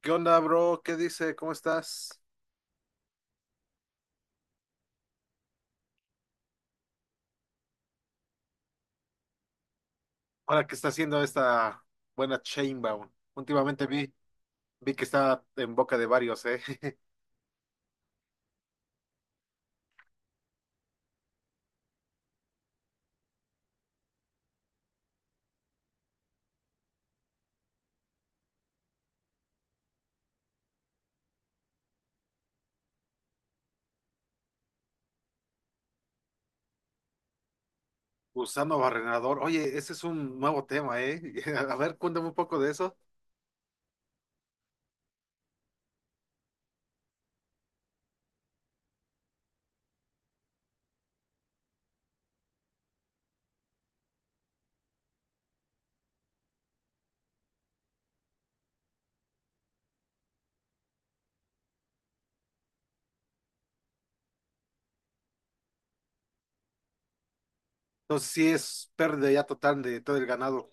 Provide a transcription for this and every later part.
¿Qué onda, bro? ¿Qué dice? ¿Cómo estás? Ahora que está haciendo esta buena Chainbound. Últimamente vi que está en boca de varios, ¿eh? Usando barrenador. Oye, ese es un nuevo tema, ¿eh? A ver, cuéntame un poco de eso. Entonces, sí es pérdida ya total de todo el ganado.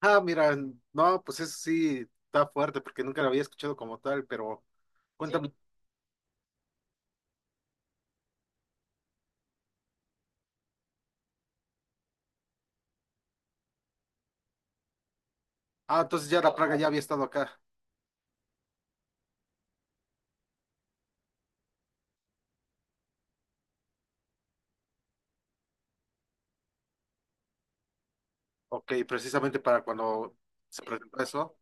Ah, mira, no, pues eso sí está fuerte porque nunca lo había escuchado como tal, pero cuéntame. Ah, entonces ya la plaga ya había estado acá. Ok, precisamente para cuando se presentó eso.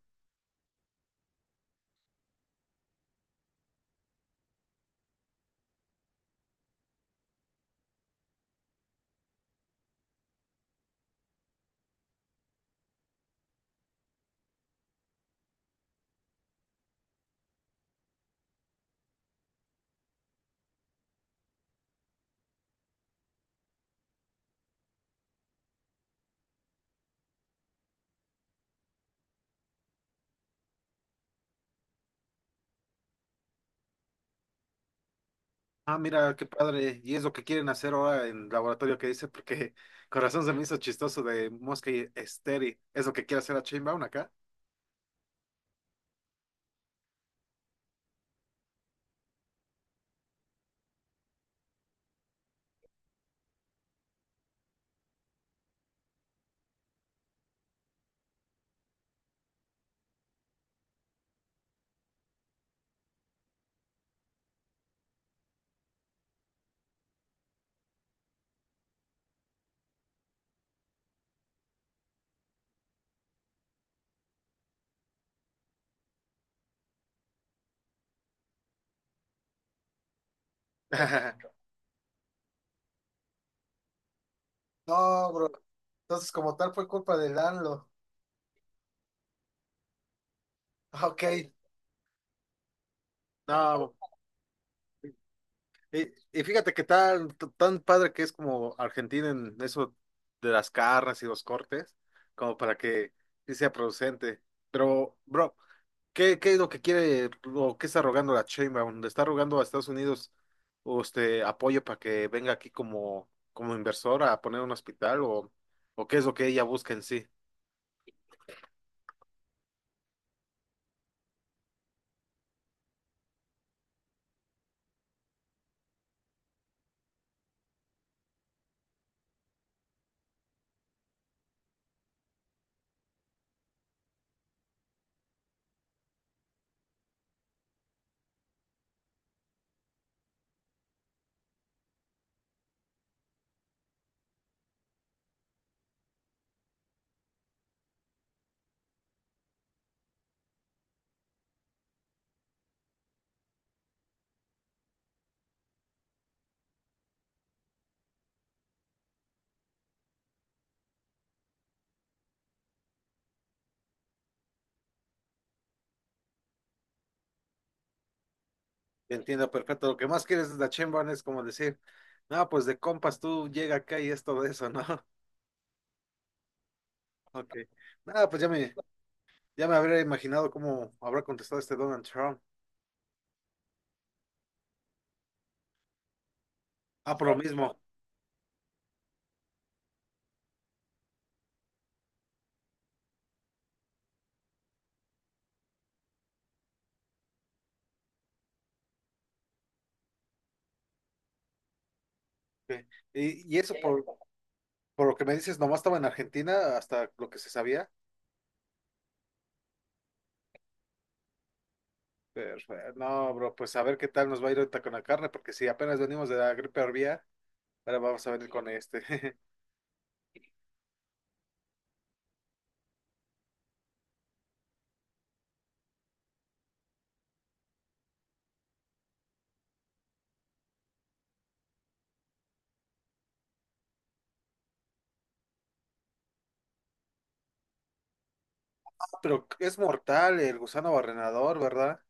Ah, mira, qué padre. Y es lo que quieren hacer ahora en laboratorio que dice, porque corazón se me hizo chistoso de Mosca y Esteri. ¿Es lo que quiere hacer a Chainbound acá? No, bro. Entonces, como tal, fue culpa de Danlo. Ok. No, y fíjate que tan padre que es como Argentina en eso de las carnes y los cortes, como para que sí sea producente. Pero, bro, ¿qué es lo que quiere o qué está rogando la Sheinbaum? ¿Le está rogando a Estados Unidos o este apoyo para que venga aquí como, como inversora a poner un hospital o qué es lo que ella busca en sí? Entiendo perfecto. Lo que más quieres de la Sheinbaum es como decir, no, pues de compas tú llega acá y es todo eso, ¿no? Ok. Nada, ya me habría imaginado cómo habrá contestado este Donald Trump. Ah, por lo mismo. Ok. Y eso por lo que me dices, nomás estaba en Argentina, hasta lo que se sabía. Pero, no, bro, pues a ver qué tal nos va a ir ahorita con la carne, porque si apenas venimos de la gripe aviar, ahora vamos a venir con este. Pero es mortal el gusano barrenador, ¿verdad?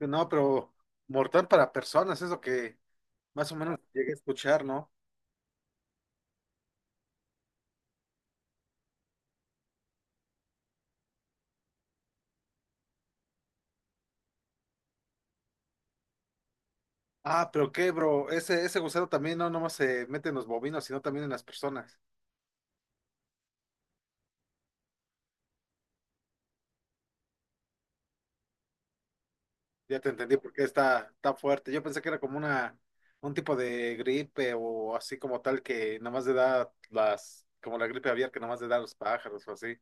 No, pero mortal para personas, es lo que más o menos llegué a escuchar, ¿no? Ah, pero qué, bro, ese gusano también no nomás se mete en los bovinos, sino también en las personas. Ya te entendí porque está fuerte. Yo pensé que era como una, un tipo de gripe o así como tal que nada más le da las, como la gripe aviar que nada más le da a los pájaros o así.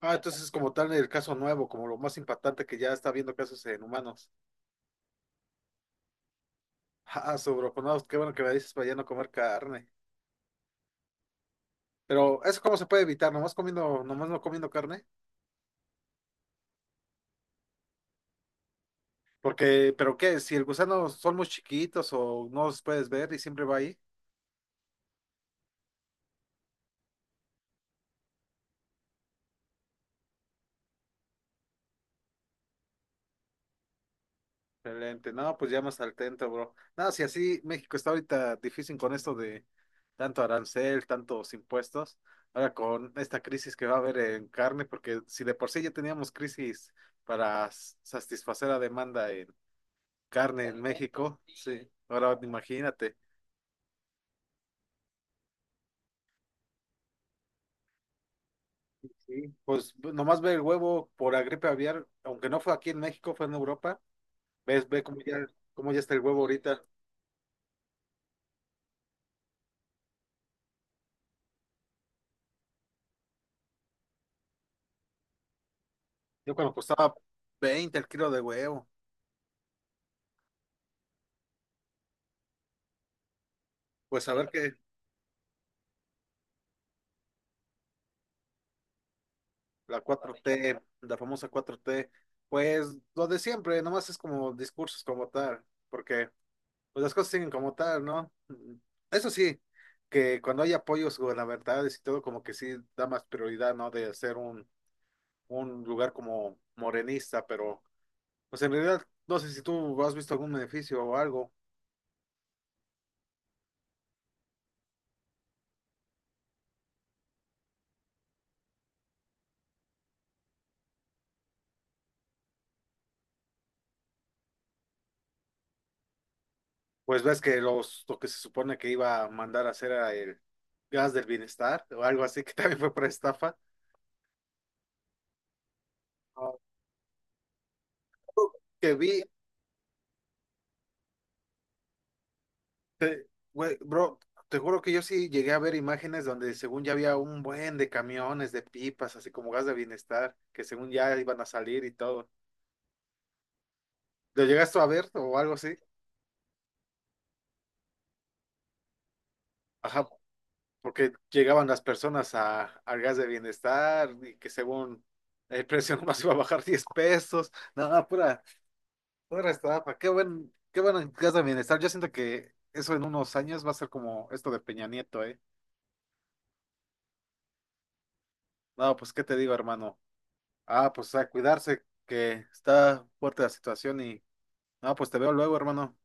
Ah, entonces es como tal el caso nuevo, como lo más impactante que ya está habiendo casos en humanos. Ah, sobre, pues no, qué bueno que me dices para ya no comer carne. Pero eso cómo se puede evitar, nomás comiendo, nomás no comiendo carne. Porque, pero qué, si el gusano son muy chiquitos o no los puedes ver y siempre va ahí. Excelente, no, pues ya más al tanto, bro. No, si así México está ahorita difícil con esto de tanto arancel, tantos impuestos, ahora con esta crisis que va a haber en carne, porque si de por sí ya teníamos crisis para s- satisfacer la demanda en carne en México, sí, ahora imagínate, nomás ve el huevo por la gripe aviar, aunque no fue aquí en México, fue en Europa, ves, cómo ya está el huevo ahorita. Yo cuando costaba 20 el kilo de huevo, pues a ver qué. La cuatro t, la famosa cuatro t, pues lo de siempre, nomás es como discursos como tal, porque pues las cosas siguen como tal, ¿no? Mm, eso sí, que cuando hay apoyos gubernamentales y todo, como que sí da más prioridad, ¿no? De hacer un lugar como morenista, pero pues en realidad no sé si tú has visto algún beneficio o algo, pues ves que lo que se supone que iba a mandar a hacer era el gas del bienestar o algo así, que también fue para estafa. Ah, que vi Te- güey, bro, te juro que yo sí llegué a ver imágenes donde según ya había un buen de camiones, de pipas, así como gas de bienestar, que según ya iban a salir y todo. ¿Lo llegaste a ver o algo así? Ajá, porque llegaban las personas a, al gas de bienestar y que según el precio nomás iba a bajar 10 pesos. Nada, pura estafa. Qué buen gas de bienestar. Yo siento que eso en unos años va a ser como esto de Peña Nieto, ¿eh? No, pues, ¿qué te digo, hermano? Ah, pues a cuidarse, que está fuerte la situación y... Ah, pues te veo luego, hermano.